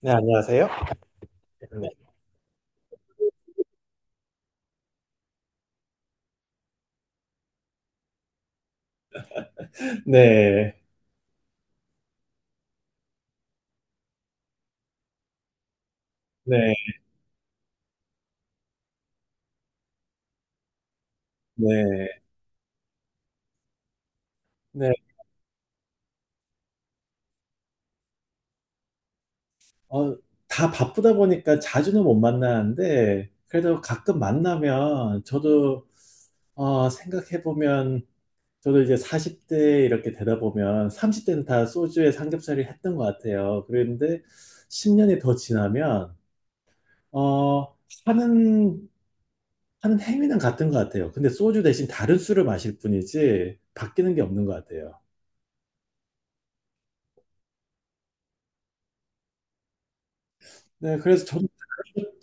네, 안녕하세요. 네. 네. 네. 네. 네. 어 다 바쁘다 보니까 자주는 못 만나는데 그래도 가끔 만나면 저도 생각해 보면 저도 이제 40대 이렇게 되다 보면 30 대는 다 소주에 삼겹살이 했던 것 같아요. 그런데10 년이 더 지나면 어 하는 하는 행위는 같은 것 같아요. 근데 소주 대신 다른 술을 마실 뿐이지 바뀌는 게 없는 것 같아요. 네, 그래서 저도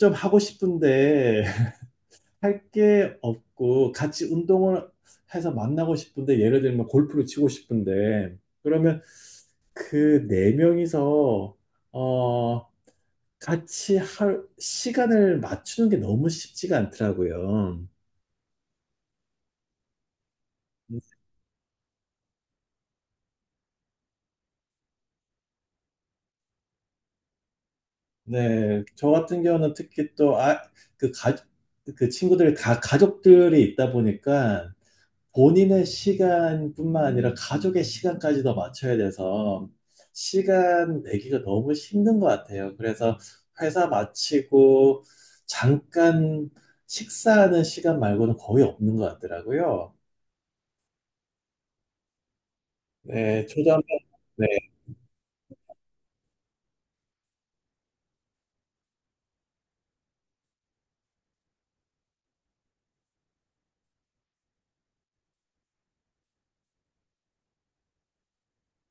좀 하고 싶은데 할 게 없고 같이 운동을 해서 만나고 싶은데 예를 들면 골프를 치고 싶은데 그러면 그 네 명이서 어 같이 할 시간을 맞추는 게 너무 쉽지가 않더라고요. 네, 저 같은 경우는 특히 또 그 가, 그 친구들이 다 가족들이 있다 보니까 본인의 시간뿐만 아니라 가족의 시간까지도 맞춰야 돼서 시간 내기가 너무 힘든 것 같아요. 그래서 회사 마치고 잠깐 식사하는 시간 말고는 거의 없는 것 같더라고요. 네, 저도 한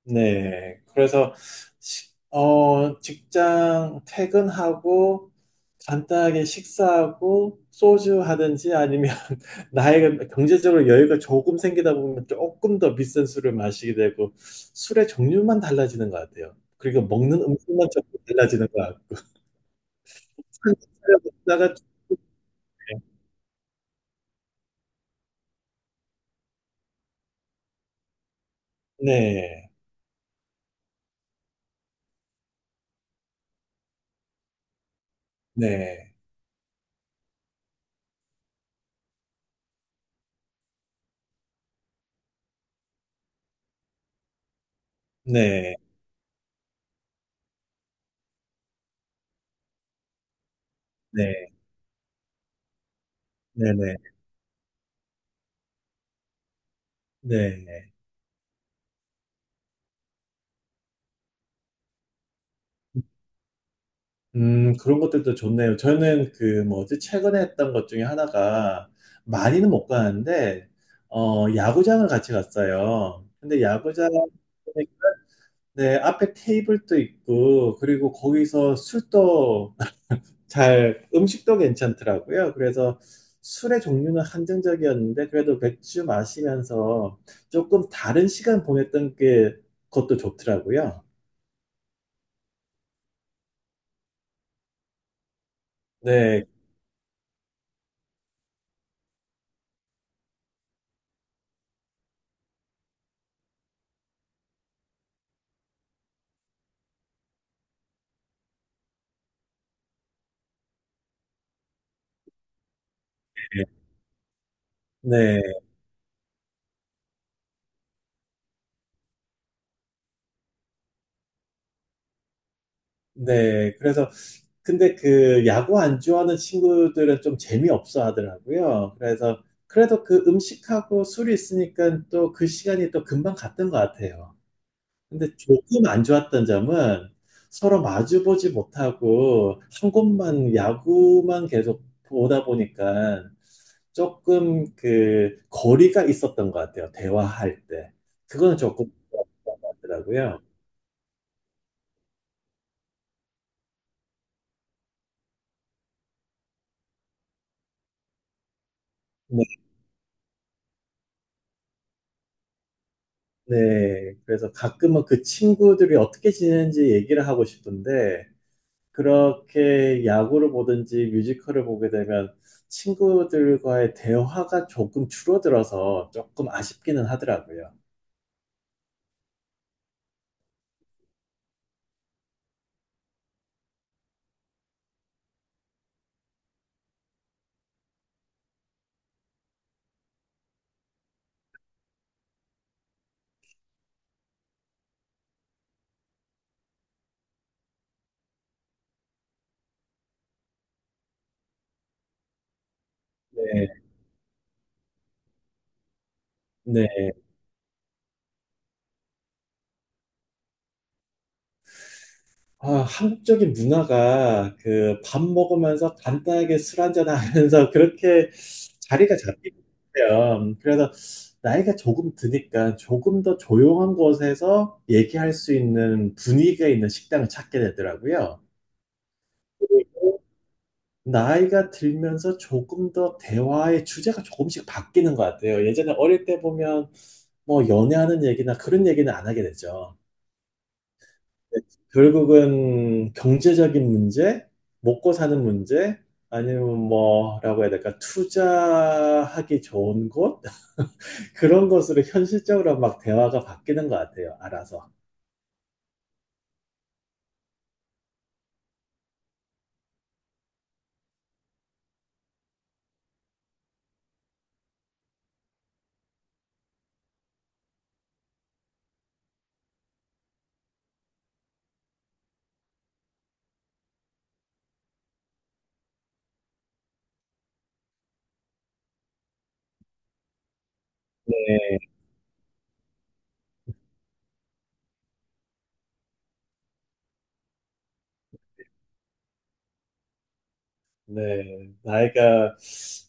네. 그래서, 직장 퇴근하고, 간단하게 식사하고, 소주 하든지 아니면, 나의 경제적으로 여유가 조금 생기다 보면 조금 더 비싼 술을 마시게 되고, 술의 종류만 달라지는 것 같아요. 그리고 먹는 음식만 조금 달라지는 것 같고, 한 차려 먹다가, 네, 네, 네, 네, 네, 네, 네. 그런 것들도 좋네요. 저는 그 뭐지, 최근에 했던 것 중에 하나가 많이는 못 가는데, 야구장을 같이 갔어요. 근데 야구장, 네, 앞에 테이블도 있고, 그리고 거기서 술도 잘, 음식도 괜찮더라고요. 그래서 술의 종류는 한정적이었는데, 그래도 맥주 마시면서 조금 다른 시간 보냈던 게, 그것도 좋더라고요. 네, 네, 네. 그래서 근데 그 야구 안 좋아하는 친구들은 좀 재미없어 하더라고요. 그래서 그래도 그 음식하고 술이 있으니까 또 그 시간이 또 금방 갔던 것 같아요. 근데 조금 안 좋았던 점은 서로 마주보지 못하고 한 곳만 야구만 계속 보다 보니까 조금 그 거리가 있었던 것 같아요. 대화할 때. 그거는 조금 그런 것 같더라고요. 네, 그래서 가끔은 그 친구들이 어떻게 지내는지 얘기를 하고 싶은데, 그렇게 야구를 보든지 뮤지컬을 보게 되면 친구들과의 대화가 조금 줄어들어서 조금 아쉽기는 하더라고요. 네. 아, 한국적인 문화가 그 밥 먹으면서 간단하게 술 한잔 하면서 그렇게 자리가 잡히는 요 그래서 나이가 조금 드니까 조금 더 조용한 곳에서 얘기할 수 있는 분위기가 있는 식당을 찾게 되더라고요. 나이가 들면서 조금 더 대화의 주제가 조금씩 바뀌는 것 같아요. 예전에 어릴 때 보면 뭐 연애하는 얘기나 그런 얘기는 안 하게 되죠. 네, 결국은 경제적인 문제, 먹고 사는 문제, 아니면 뭐라고 해야 될까, 투자하기 좋은 곳? 그런 것으로 현실적으로 막 대화가 바뀌는 것 같아요, 알아서. 네, 나이가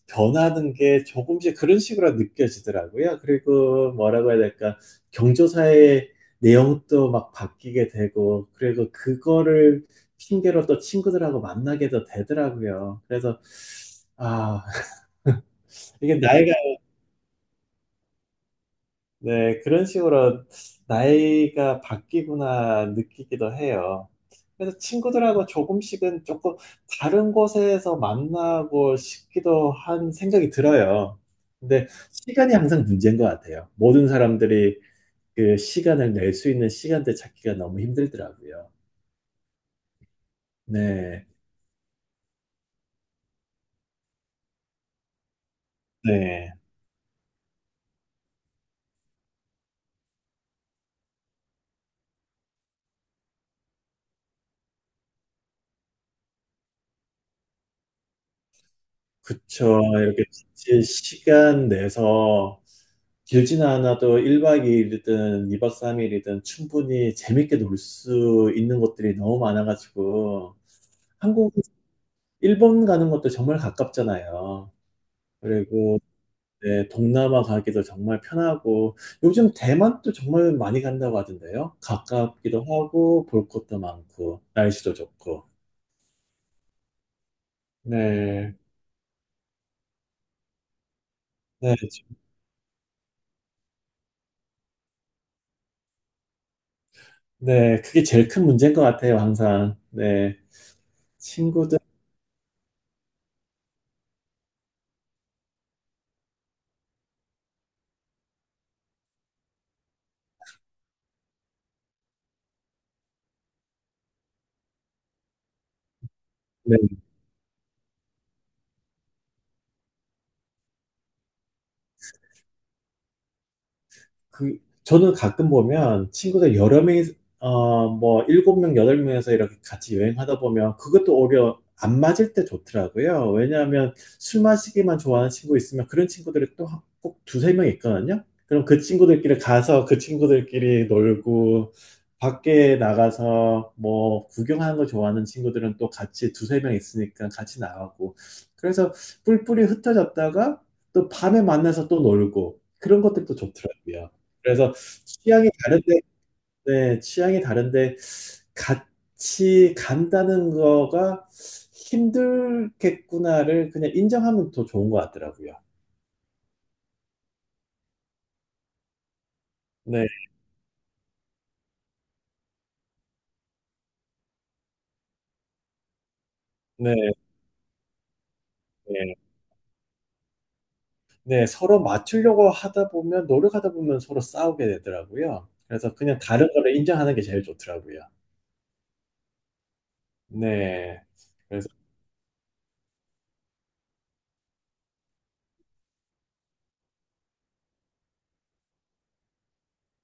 변하는 게 조금씩 그런 식으로 느껴지더라고요. 그리고 뭐라고 해야 될까, 경조사의 내용도 막 바뀌게 되고, 그리고 그거를 핑계로 또 친구들하고 만나게도 되더라고요. 그래서, 아, 이게 나이가 네, 그런 식으로 나이가 바뀌구나 느끼기도 해요. 그래서 친구들하고 조금씩은 조금 다른 곳에서 만나고 싶기도 한 생각이 들어요. 근데 시간이 항상 문제인 것 같아요. 모든 사람들이 그 시간을 낼 수 있는 시간대 찾기가 너무 힘들더라고요. 네, 네, 그쵸. 이렇게 같이 시간 내서 길지는 않아도 1박 2일이든 2박 3일이든 충분히 재밌게 놀 수 있는 곳들이 너무 많아 가지고 한국 일본 가는 것도 정말 가깝잖아요. 그리고 네 동남아 가기도 정말 편하고 요즘 대만도 정말 많이 간다고 하던데요. 가깝기도 하고 볼 것도 많고 날씨도 좋고. 네. 네. 좀 네. 그게 제일 큰 문제인 것 같아요, 항상. 네. 친구들 그, 저는 가끔 보면 친구들 여러 명이, 뭐, 일곱 명, 여덟 명에서 이렇게 같이 여행하다 보면 그것도 오히려 안 맞을 때 좋더라고요. 왜냐하면 술 마시기만 좋아하는 친구 있으면 그런 친구들이 또 한 꼭 두세 명 있거든요. 그럼 그 친구들끼리 가서 그 친구들끼리 놀고, 밖에 나가서 뭐 구경하는 거 좋아하는 친구들은 또 같이 두세 명 있으니까 같이 나가고. 그래서 뿔뿔이 흩어졌다가 또 밤에 만나서 또 놀고. 그런 것들도 좋더라고요. 그래서 취향이 다른데, 네, 취향이 다른데 같이 간다는 거가 힘들겠구나를 그냥 인정하면 더 좋은 것 같더라고요. 네, 네, 네. 네, 서로 맞추려고 하다 보면, 노력하다 보면 서로 싸우게 되더라고요. 그래서 그냥 다른 거를 인정하는 게 제일 좋더라고요. 네. 그래서,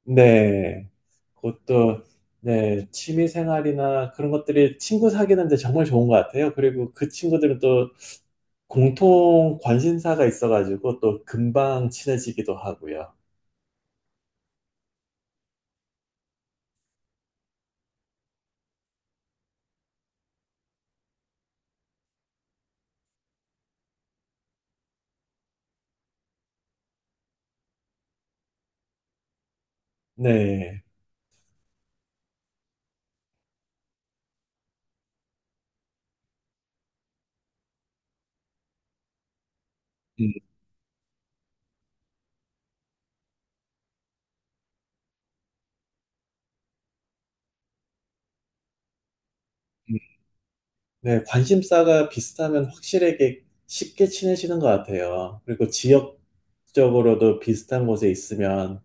네. 그것도, 네, 취미 생활이나 그런 것들이 친구 사귀는 데 정말 좋은 것 같아요. 그리고 그 친구들은 또 공통 관심사가 있어가지고 또 금방 친해지기도 하고요. 네. 음, 음. 네, 관심사가 비슷하면 확실하게 쉽게 친해지는 것 같아요. 그리고 지역적으로도 비슷한 곳에 있으면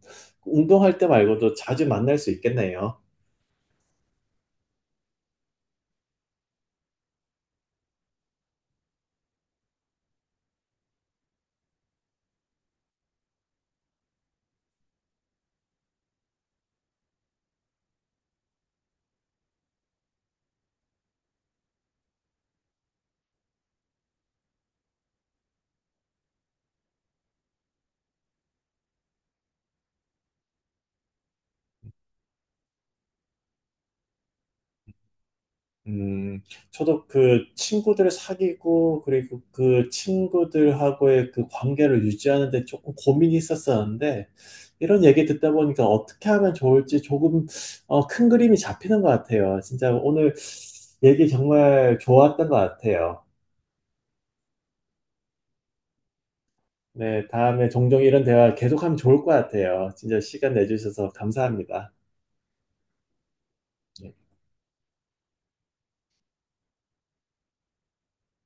운동할 때 말고도 자주 만날 수 있겠네요. 음, 저도 그 친구들을 사귀고, 그리고 그 친구들하고의 그 관계를 유지하는 데 조금 고민이 있었었는데, 이런 얘기 듣다 보니까 어떻게 하면 좋을지 조금, 큰 그림이 잡히는 것 같아요. 진짜 오늘 얘기 정말 좋았던 것 같아요. 네, 다음에 종종 이런 대화 계속하면 좋을 것 같아요. 진짜 시간 내주셔서 감사합니다.